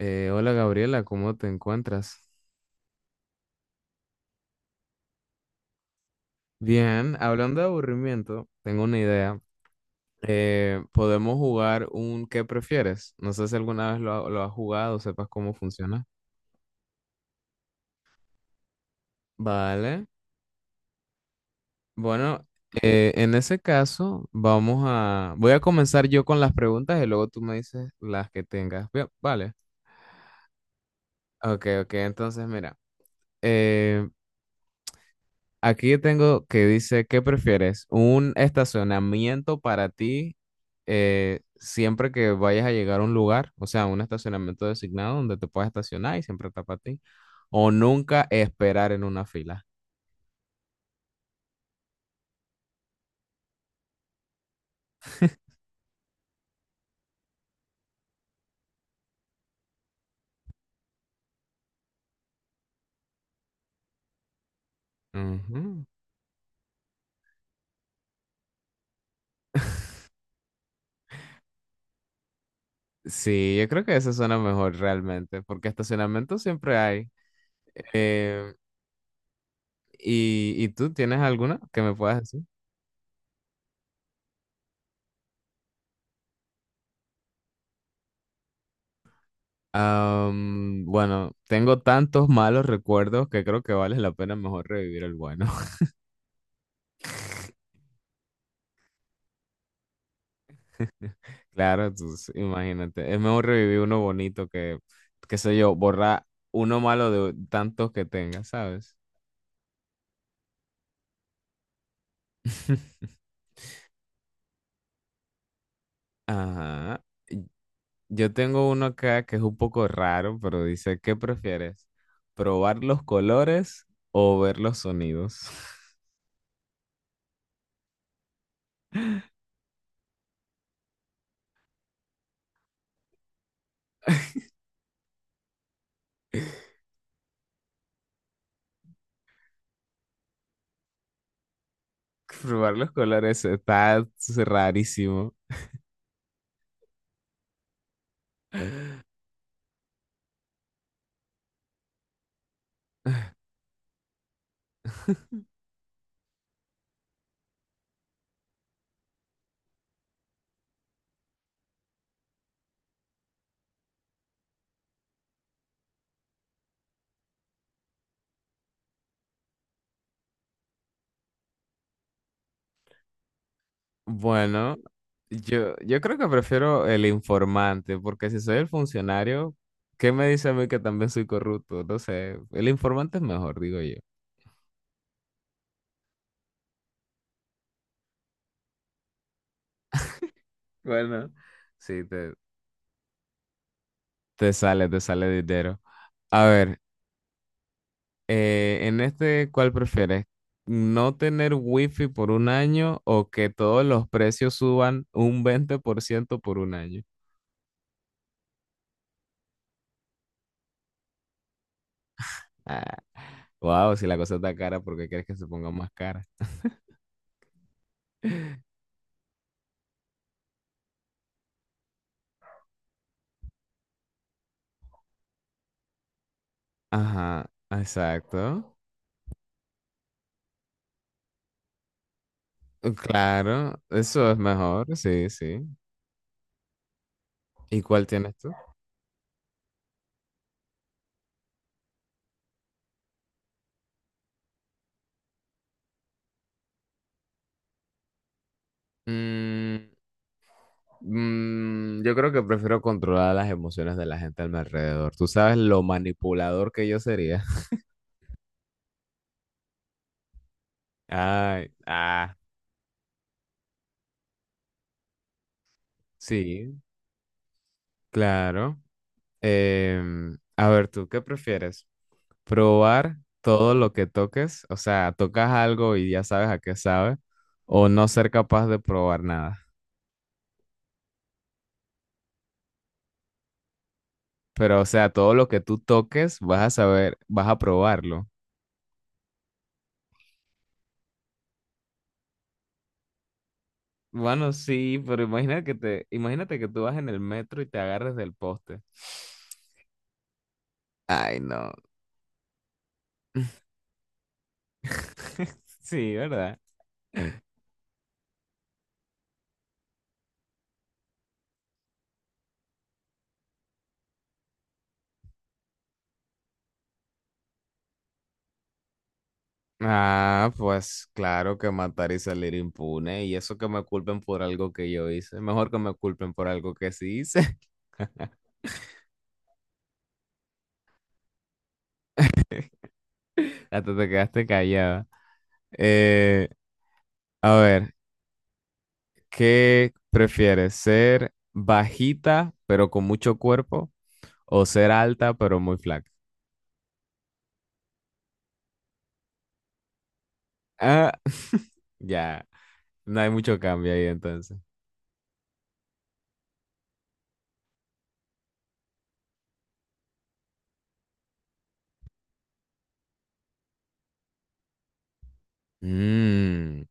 Hola Gabriela, ¿cómo te encuentras? Bien, hablando de aburrimiento, tengo una idea. Podemos jugar un ¿qué prefieres? No sé si alguna vez lo has jugado o sepas cómo funciona. Vale. Bueno, en ese caso, Voy a comenzar yo con las preguntas y luego tú me dices las que tengas. Bien, vale. Ok, ok, entonces mira. eh, Aquí tengo que dice, ¿qué prefieres? ¿Un estacionamiento para ti, siempre que vayas a llegar a un lugar? O sea, un estacionamiento designado donde te puedas estacionar y siempre está para ti. ¿O nunca esperar en una fila? Ujú. Sí, yo creo que eso suena mejor realmente, porque estacionamiento siempre hay. Eh, ¿Y tú tienes alguna que me puedas decir? Bueno, tengo tantos malos recuerdos que creo que vale la pena mejor revivir el bueno. Claro, entonces, imagínate. Es mejor revivir uno bonito que, qué sé yo, borrar uno malo de tantos que tenga, ¿sabes? Ajá. Y- Yo tengo uno acá que es un poco raro, pero dice, ¿qué prefieres? ¿Probar los colores o ver los sonidos? Probar los colores está rarísimo. Bueno, yo creo que prefiero el informante, porque si soy el funcionario, ¿qué me dice a mí que también soy corrupto? No sé, el informante es mejor, digo yo. Bueno, sí, te sale dinero. A ver, en este, ¿cuál prefieres? ¿No tener wifi por un año o que todos los precios suban un 20% por ciento por un año? Ah, wow, si la cosa está cara, ¿por qué quieres que se ponga más cara? Ajá, exacto. Claro, eso es mejor, sí, sí. ¿Y cuál tienes tú? Mm, yo creo que prefiero controlar las emociones de la gente a mi alrededor. Tú sabes lo manipulador que yo sería. Ay, sí, claro. A ver, ¿tú qué prefieres? ¿Probar todo lo que toques? O sea, tocas algo y ya sabes a qué sabe, o no ser capaz de probar nada. Pero, o sea, todo lo que tú toques, vas a saber, vas a probarlo. Bueno, sí, pero imagínate imagínate que tú vas en el metro y te agarres del poste. Ay, no. Sí, ¿verdad? Ah, pues claro que matar y salir impune. Y eso que me culpen por algo que yo hice. Mejor que me culpen por algo que sí hice. Hasta te quedaste callada. Eh, a ver, ¿qué prefieres? ¿Ser bajita pero con mucho cuerpo? ¿O ser alta pero muy flaca? Ah, ya. No hay mucho cambio ahí entonces. Mm,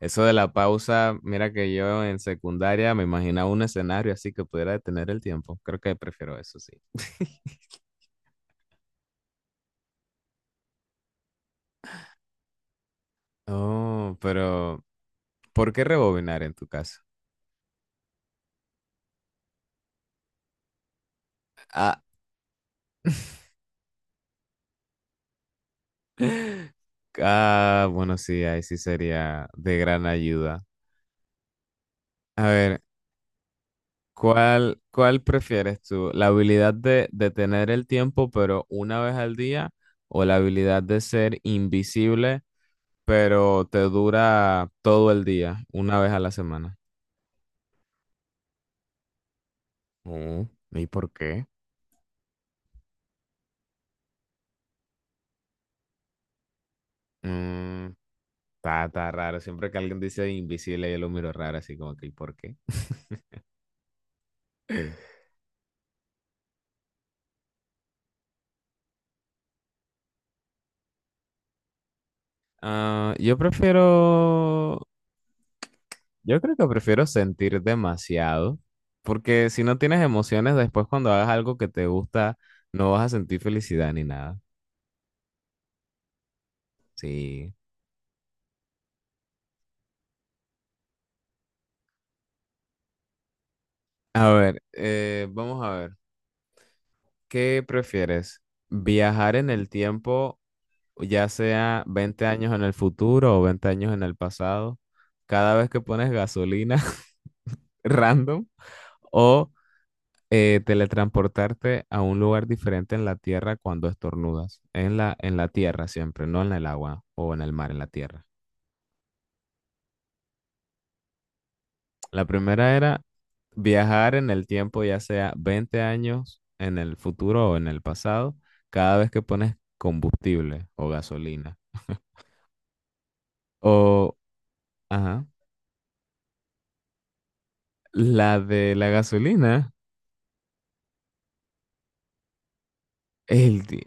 Eso de la pausa, mira que yo en secundaria me imaginaba un escenario así que pudiera detener el tiempo. Creo que prefiero eso, sí. Oh, pero ¿por qué rebobinar en tu caso? Ah, bueno, sí, ahí sí sería de gran ayuda. A ver, ¿¿cuál prefieres tú? ¿La habilidad de detener el tiempo, pero una vez al día? ¿O la habilidad de ser invisible, pero te dura todo el día, una vez a la semana? Oh, ¿y por qué? Mm, está raro. Siempre que alguien dice invisible, yo lo miro raro, así como que, ¿y por qué? Ah, yo creo que prefiero sentir demasiado, porque si no tienes emociones, después cuando hagas algo que te gusta, no vas a sentir felicidad ni nada. Sí. A ver, vamos a ver, ¿qué prefieres? ¿Viajar en el tiempo ya sea 20 años en el futuro o 20 años en el pasado, cada vez que pones gasolina, random, o teletransportarte a un lugar diferente en la tierra cuando estornudas? En la tierra siempre, no en el agua o en el mar, en la tierra. La primera era viajar en el tiempo, ya sea 20 años en el futuro o en el pasado, cada vez que pones combustible o gasolina. O, ajá, la de la gasolina. El día.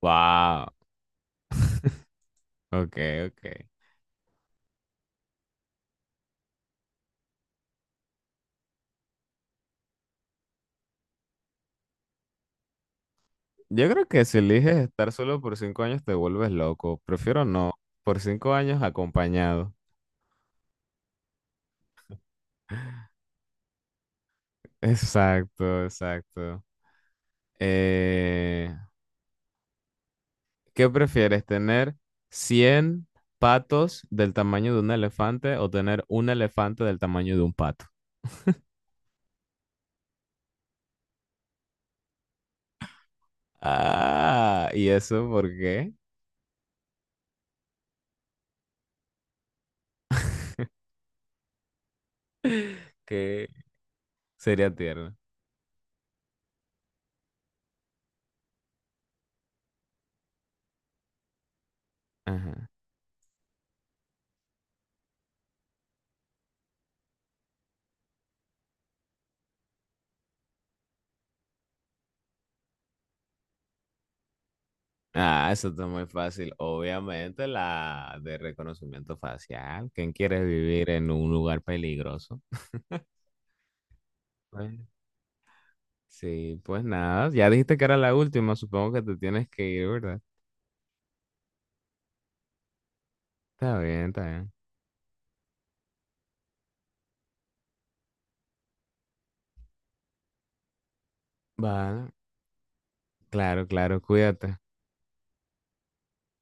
Wow. Ok, ok. Yo creo que si eliges estar solo por 5 años te vuelves loco. Prefiero no. Por cinco años acompañado. Exacto, exacto. Eh, ¿Qué prefieres, tener 100 patos del tamaño de un elefante o tener un elefante del tamaño de un pato? Ah, ¿y eso por qué? Que sería tierno. Ajá. Ah, eso está muy fácil. Obviamente la de reconocimiento facial. ¿Quién quiere vivir en un lugar peligroso? Pues, sí, pues nada. Ya dijiste que era la última. Supongo que te tienes que ir, ¿verdad? Está bien, está bien. Vale. Claro, claro. Cuídate.